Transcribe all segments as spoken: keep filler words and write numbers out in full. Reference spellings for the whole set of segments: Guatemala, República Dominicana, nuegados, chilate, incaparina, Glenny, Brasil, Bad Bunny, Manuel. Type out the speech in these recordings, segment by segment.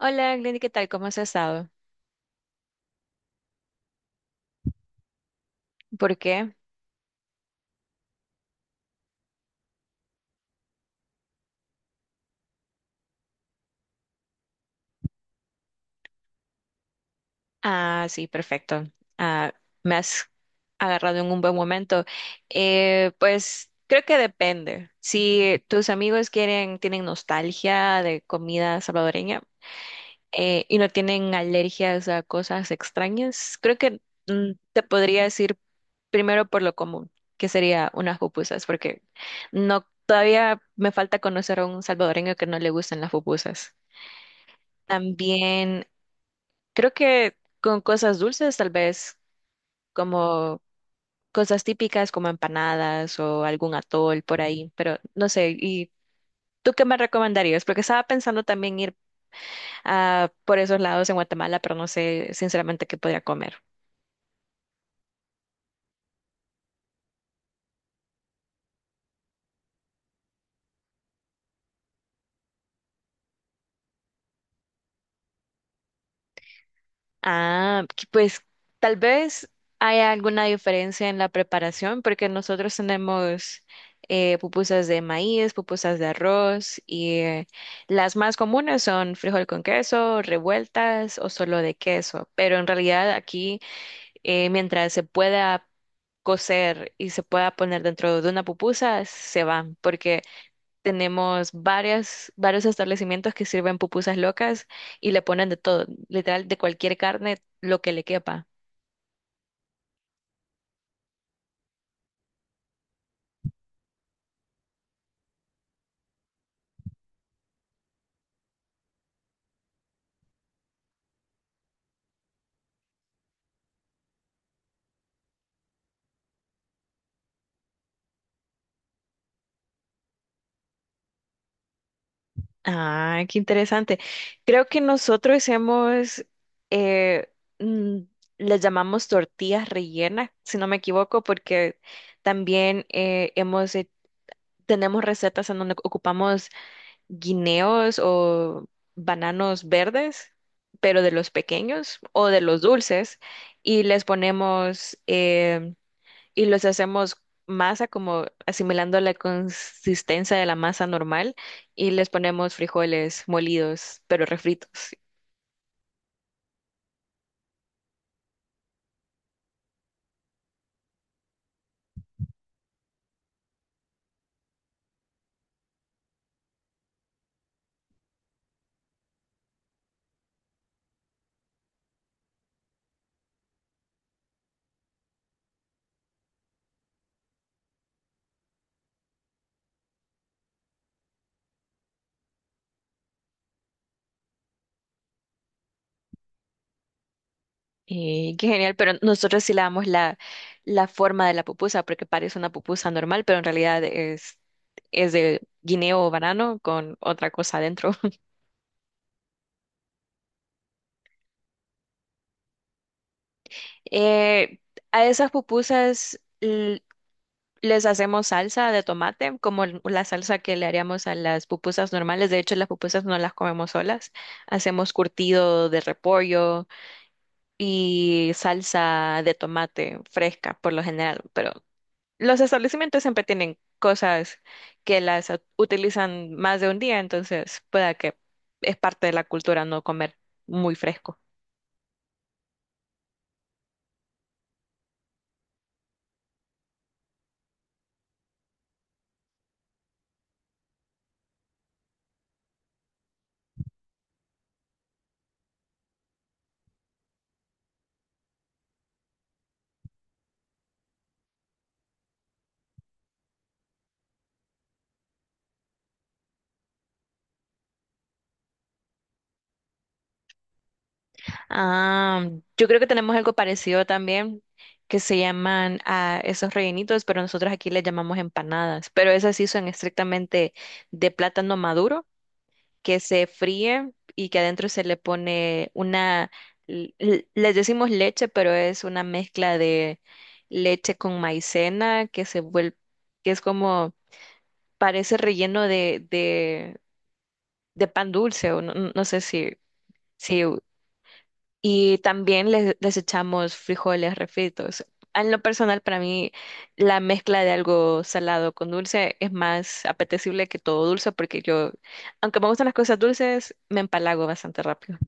Hola, Glenny, ¿qué tal? ¿Cómo has estado? ¿Por qué? Ah, sí, perfecto. Ah, me has agarrado en un buen momento. Eh, pues creo que depende. Si tus amigos quieren, tienen nostalgia de comida salvadoreña eh, y no tienen alergias a cosas extrañas, creo que mm, te podría decir primero por lo común, que sería unas pupusas, porque no todavía me falta conocer a un salvadoreño que no le gusten las pupusas. También creo que con cosas dulces, tal vez, como cosas típicas como empanadas o algún atol por ahí, pero no sé. ¿Y tú qué me recomendarías? Porque estaba pensando también ir ah, por esos lados en Guatemala, pero no sé sinceramente qué podría comer. Ah, que pues tal vez hay alguna diferencia en la preparación, porque nosotros tenemos eh, pupusas de maíz, pupusas de arroz y eh, las más comunes son frijol con queso, revueltas o solo de queso. Pero en realidad aquí, eh, mientras se pueda cocer y se pueda poner dentro de una pupusa, se van, porque tenemos varias, varios establecimientos que sirven pupusas locas y le ponen de todo, literal, de cualquier carne, lo que le quepa. Ah, qué interesante. Creo que nosotros hemos, eh, mm, les llamamos tortillas rellenas, si no me equivoco, porque también eh, hemos, he- tenemos recetas en donde ocupamos guineos o bananos verdes, pero de los pequeños o de los dulces, y les ponemos em, y los hacemos masa como asimilando la consistencia de la masa normal y les ponemos frijoles molidos, pero refritos. Y qué genial, pero nosotros sí le damos la, la forma de la pupusa, porque parece una pupusa normal, pero en realidad es, es de guineo o banano con otra cosa adentro. Eh, a esas pupusas l- les hacemos salsa de tomate, como l- la salsa que le haríamos a las pupusas normales. De hecho, las pupusas no las comemos solas. Hacemos curtido de repollo y salsa de tomate fresca, por lo general. Pero los establecimientos siempre tienen cosas que las ut- utilizan más de un día, entonces pueda que es parte de la cultura no comer muy fresco. Ah, yo creo que tenemos algo parecido también, que se llaman a esos rellenitos, pero nosotros aquí les llamamos empanadas. Pero esas sí son estrictamente de plátano maduro, que se fríe y que adentro se le pone una, l- l- les decimos leche, pero es una mezcla de leche con maicena que se vuelve, que es como, parece relleno de, de, de pan dulce, o no, no no sé si, si Y también les, les echamos frijoles refritos. En lo personal, para mí, la mezcla de algo salado con dulce es más apetecible que todo dulce, porque yo, aunque me gustan las cosas dulces, me empalago bastante rápido.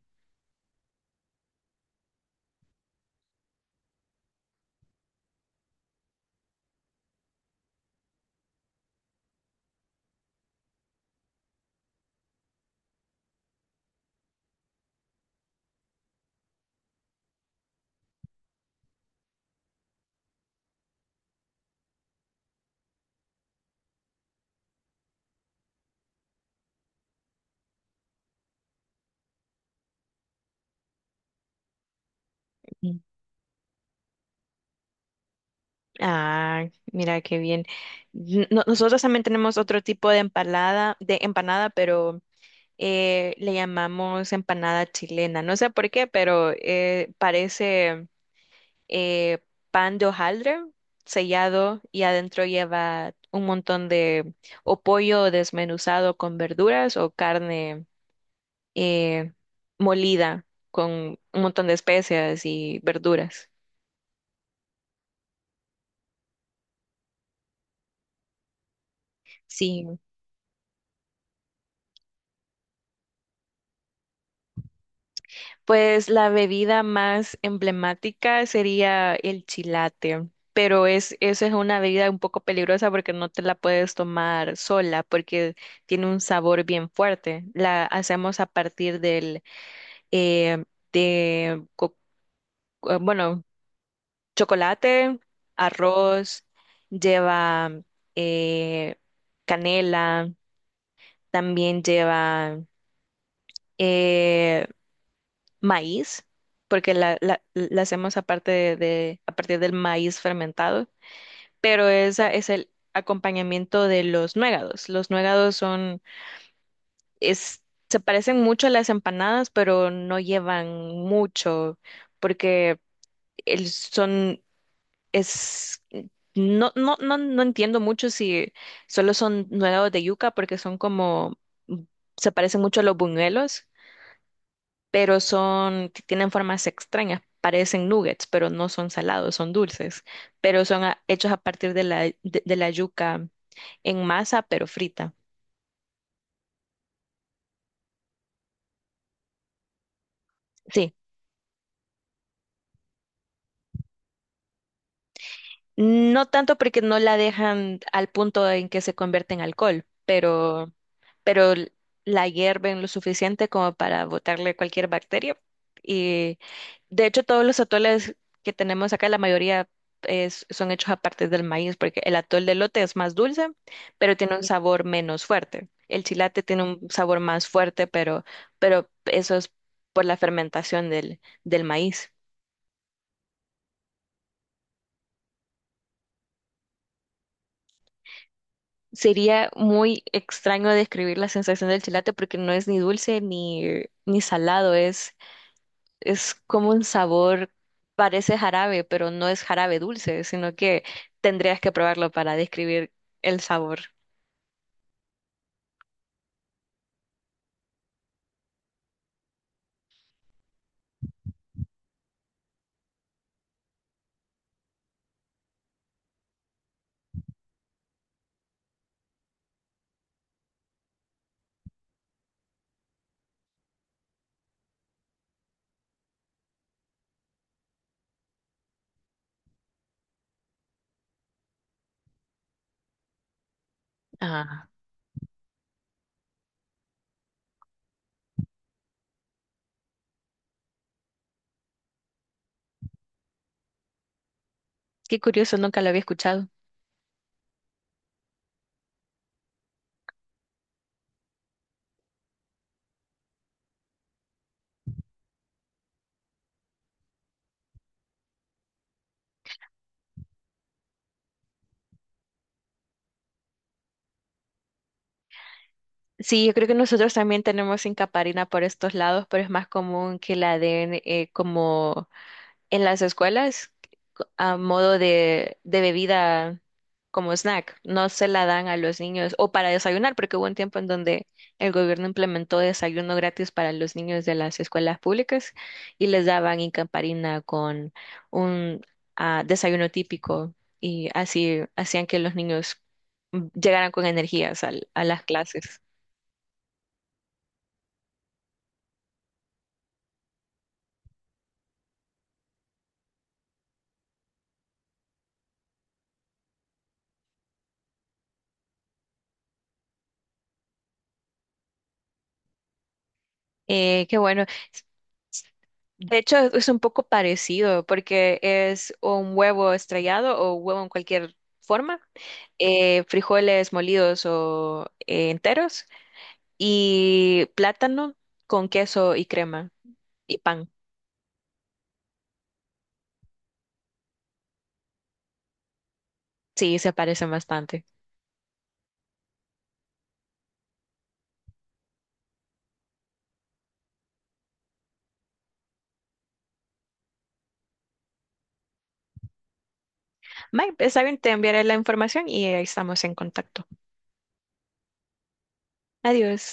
Mm. Ah, mira qué bien. N- no- nosotros también tenemos otro tipo de empalada, de empanada, pero eh, le llamamos empanada chilena. No sé por qué, pero eh, parece eh, pan de hojaldre sellado y adentro lleva un montón de o pollo desmenuzado con verduras o carne eh, molida con un montón de especias y verduras. Sí, pues la bebida más emblemática sería el chilate, pero es, eso es una bebida un poco peligrosa porque no te la puedes tomar sola porque tiene un sabor bien fuerte. La hacemos a partir del eh, de, co- eh, bueno, chocolate, arroz, lleva eh, canela, también lleva eh, maíz, porque la, la- la hacemos aparte de, de- a partir del maíz fermentado, pero esa es el acompañamiento de los nuegados. Los nuegados son, es, se parecen mucho a las empanadas, pero no llevan mucho, porque el- son es, no, no, no, no entiendo mucho si solo son nuevos de yuca porque son como, se parecen mucho a los buñuelos, pero son, tienen formas extrañas, parecen nuggets, pero no son salados, son dulces, pero son a- hechos a partir de la, de, de la yuca en masa, pero frita. Sí. No tanto porque no la dejan al punto en que se convierte en alcohol, pero, pero l- la hierven lo suficiente como para botarle cualquier bacteria. Y de hecho todos los atoles que tenemos acá, la mayoría es- son hechos a partir del maíz, porque el atol de elote es más dulce, pero tiene un Ujú. Sabor menos fuerte. El chilate tiene un sabor más fuerte, pero, pero eso es por la fermentación del, del maíz. Sería muy extraño describir la sensación del chilate porque no es ni dulce ni, ni salado, es, es como un sabor, parece jarabe, pero no es jarabe dulce, sino que tendrías que probarlo para describir el sabor. Ah, qué curioso, nunca lo había escuchado. Sí, yo creo que nosotros también tenemos incaparina por estos lados, pero es más común que la den eh, como en las escuelas a modo de, de bebida como snack. No se la dan a los niños o para desayunar, porque hubo un tiempo en donde el gobierno implementó desayuno gratis para los niños de las escuelas públicas y les daban incamparina con un ah, desayuno típico y así hacían que los niños mm, llegaran con energías al- a las clases. Eh, qué bueno. De hecho, es un poco parecido porque es un huevo estrellado o huevo en cualquier forma, eh, frijoles molidos o eh, enteros y plátano con queso y crema y pan. Sí, se parecen bastante. Mike, está bien, te enviaré la información y ahí estamos en contacto. Adiós.